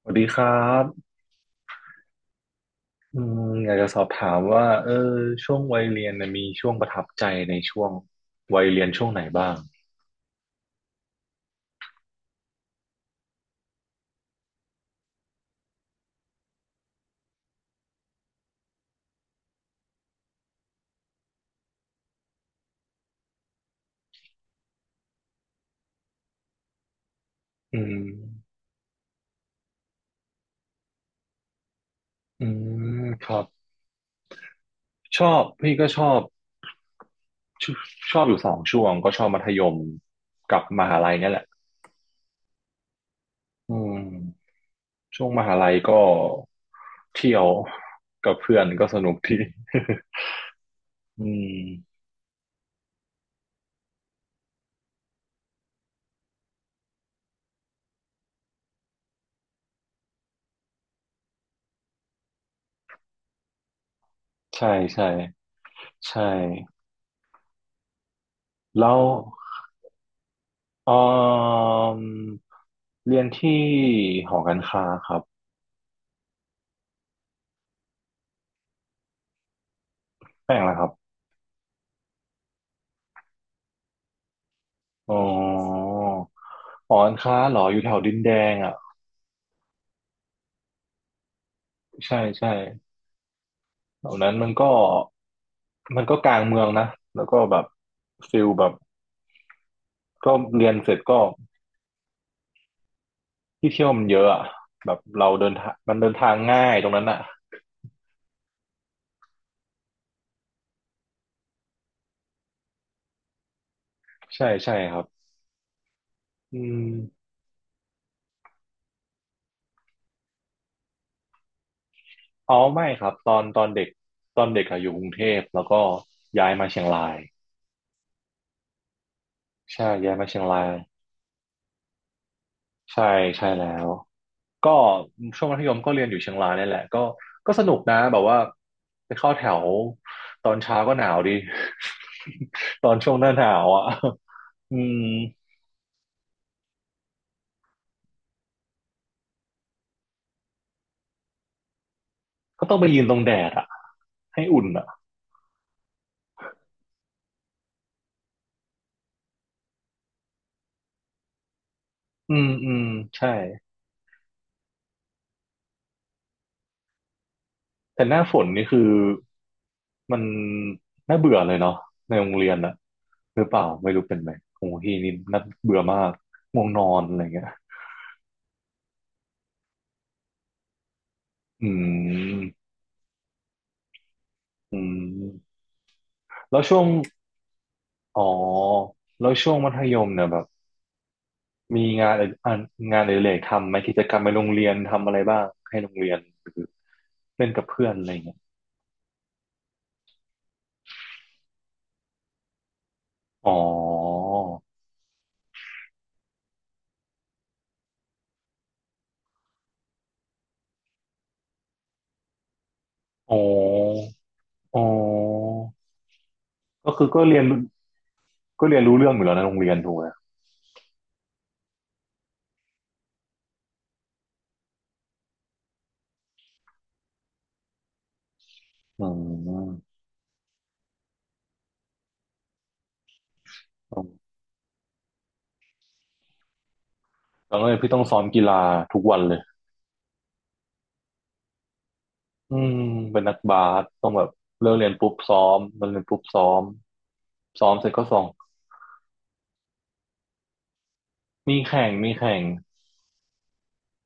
สวัสดีครับอยากจะสอบถามว่าช่วงวัยเรียนน่ะมีช่วงประทับใจในช่วงวัยเรียนช่วงไหนบ้างอืมอืมครับชอบพี่ก็ชชอบอยู่สองช่วงก็ชอบมัธยมกับมหาลัยเนี่ยแหละอืมช่วงมหาลัยก็เที่ยวกับเพื่อนก็สนุกดี อืมใช่ใช่ใช่แล้วเออเรียนที่หอการค้าครับ แป้งแล้วครับอ๋อหอการค้าเหรออยู่แถวดินแดงอ่ะใช่ใช่แถวนั้นมันก็กลางเมืองนะ แล้วก็แบบฟิลแบบก็เรียนเสร็จก็ที่เที่ยวมันเยอะอ่ะแบบเราเดินทางมันเดินทางง่ายตรงนั้นอ่ะใช่ใช่ครับอืมอ๋อไม่ครับตอนเด็กอะอยู่กรุงเทพแล้วก็ย้ายมาเชียงราย ใช่ย้ายมาเชียงราย ใช่ใช่แล้ว ก็ช่วงมัธยมก็เรียนอยู่เชียงรายนี่แหละก็ก็สนุกนะแบบว่าไปเข้าแถวตอนเช้าก็หนาวดี ตอนช่วงหน้าหนาวอ่ะอืมก็ต้องไปยืนตรงแดดอ่ะให้อุ่นอ่ะอืมอืมใช่แต่หน้าฝนนี่คือมันน่าเบื่อเลยเนาะในโรงเรียนอะหรือเปล่าไม่รู้เป็นไหมของพี่นี่น่าเบื่อมากง่วงนอนอะไรเงี้ยอืมอืมแล้วช่วงอ๋อแล้วช่วงมัธยมเนี่ยแบบ มีอ่านงานอดิเรกทำไหมกิจกรรมในโรงเรียนทำอะไรบ้างให้โรงเรียนหรือเล่นกับเพื่อนอะไรเงี้ยอ๋ออ๋ออ๋อก็คือก็เรียนรู้ก็เรียนรู้เรื่องอยู่แล้วในะโรงเรียนถูกไหมอืมแล้วก็เลยพี่ต้องซ้อมกีฬาทุกวันเลยอืมเป็นนักบาสต้องแบบเลิกเรียนปุ๊บซ้อมเลิกเรียนปุ๊บซ้อมซ้อมเสร็จก็ส่งมีแข่งมีแข่ง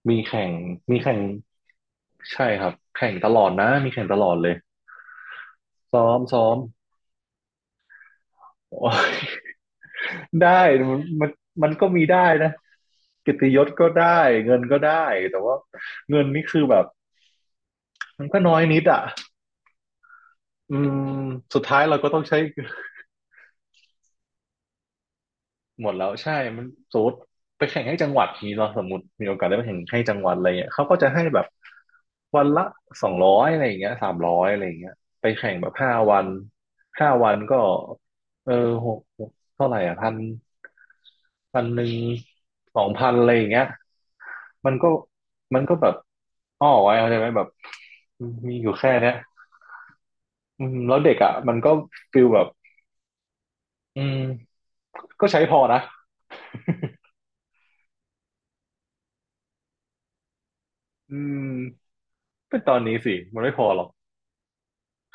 มีแข่งมีแข่งใช่ครับแข่งตลอดนะมีแข่งตลอดเลย ซ้อมซ้อม โอ้ยได้มันมันมันก็มีได้นะเกียรติยศก็ได้เงินก็ได้แต่ว่าเงินนี่คือแบบมันก็น้อยนิดอ่ะอืมสุดท้ายเราก็ต้องใช้ หมดแล้วใช่มันสมมติไปแข่งให้จังหวัดนี้เราสมมติมีโอกาสได้ไปแข่งให้จังหวัดอะไรเงี้ยเขาก็จะให้แบบวันละ200อะไรอย่างเงี้ย300อะไรอย่างเงี้ยไปแข่งแบบห้าวันห้าวันก็เออหกเท่าไหร่อ่ะพันพันหนึ่ง2,000อะไรอย่างเงี้ยมันก็มันก็แบบอ้อไว้เข้าใจไหมแบบมีอยู่แค่เนี้ยอืมแล้วเด็กอ่ะมันก็ฟิลแบบอืมก็ใช้พอนะ อืมเป็นตอนนี้สิมันไม่พอหรอก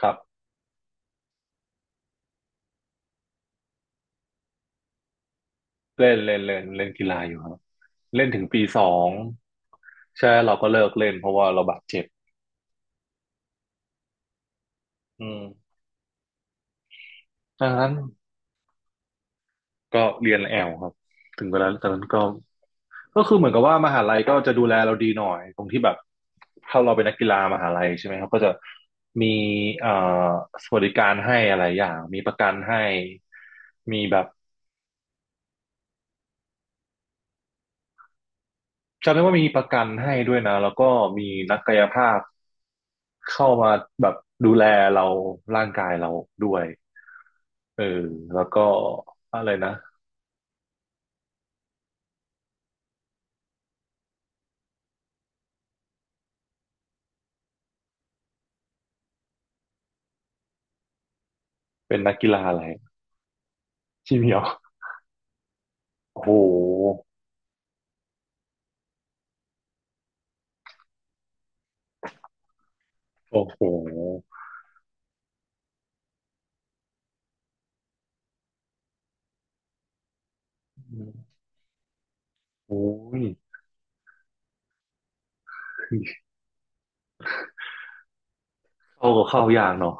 ครับเล่นเล่นเล่นเล่นกีฬาอยู่ครับเล่นถึงปีสองใช่เราก็เลิกเล่นเพราะว่าเราบาดเจ็บอืมดังนั้นก็เรียนแอลครับถึงเวลาตอนนั้นก็ก็คือเหมือนกับว่ามหาลัยก็จะดูแลเราดีหน่อยตรงที่แบบถ้าเราเป็นนักกีฬามหาลัยใช่ไหมครับก็จะมีเอ่อสวัสดิการให้อะไรอย่างมีประกันให้มีแบบ จำได้ว่ามีประกันให้ด้วยนะแล้วก็มีนักกายภาพเข้ามาแบบดูแลเราร่างกายเราด้วยเออแล้วก็อะไรนะเป็นนักกีฬาอะไรที่เหมียวโอ้โหโอ้โหโอ้ยเข้าก็เข้ายากเนาะ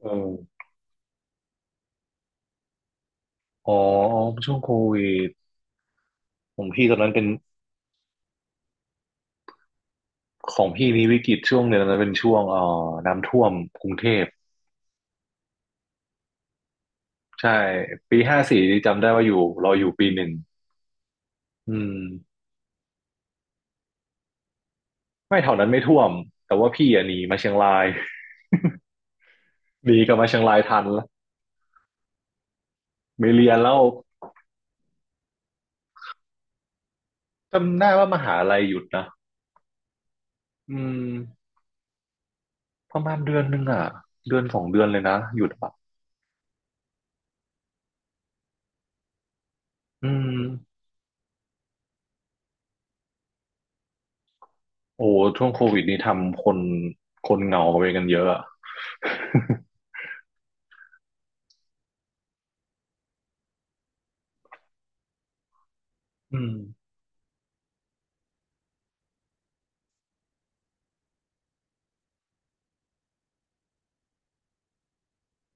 เอออ๋อช่วงโควิดของพี่ตอนนั้นเป็นของพี่มีวิกฤตช่วงหนึ่งนะเป็นช่วงน้ำท่วมกรุงเทพใช่ปีห้าสี่จำได้ว่าอยู่เราอยู่ปีหนึ่งอืม ไม่แถวนั้นไม่ท่วมแต่ว่าพี่อะหนีมาเชียงราย หนีกลับมาเชียงรายทันละไม่เรียนแล้วจำได้ว่ามหาลัยหยุดนะอืมประมาณเดือนหนึงอ่ะเดือน2 เดือนเลยนะหยุดอ่ะอืมโอ้ช่วงโควิดนี่ทำคนเหงาไปกันเยอะอะ อืม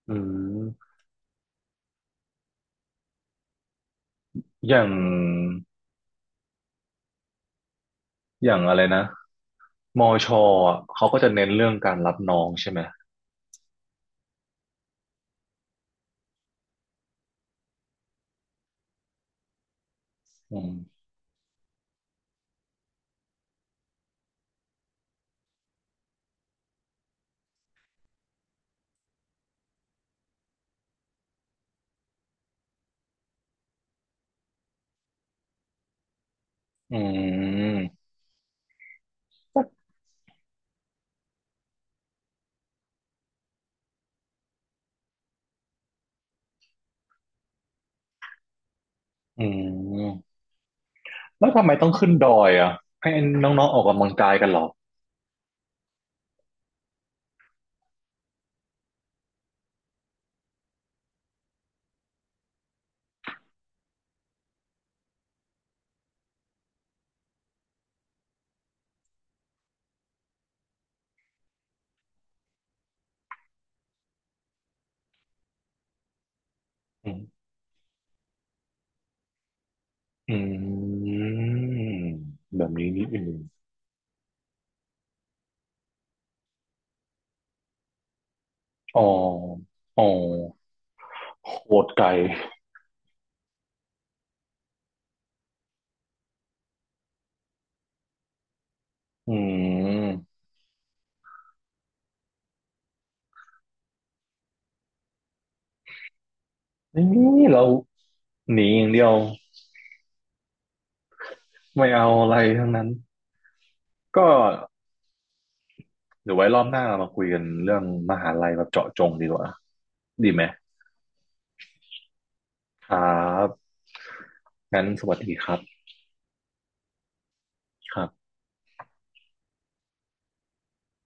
อืมอย่างอย่างอะไรนะมอชอะเขาก็จะเน้นเรื่องการรับน้องใช่ไหมอืมอืมอืม แล้วทำไมต้องขึ้นดอยอ่ะให้น้องๆออกกำลังกายกันเหรออืมอืมแบบนี้นิดนึงอ๋ออ๋อโหดไกลอืมนี่เราหนีอย่างเดียวไม่เอาอะไรทั้งนั้นก็เดี๋ยวไว้รอบหน้าเรามาคุยกันเรื่องมหาลัยแบบเจาะจงดีกว่าดีไหมครับงั้นสวัสดีครับครับ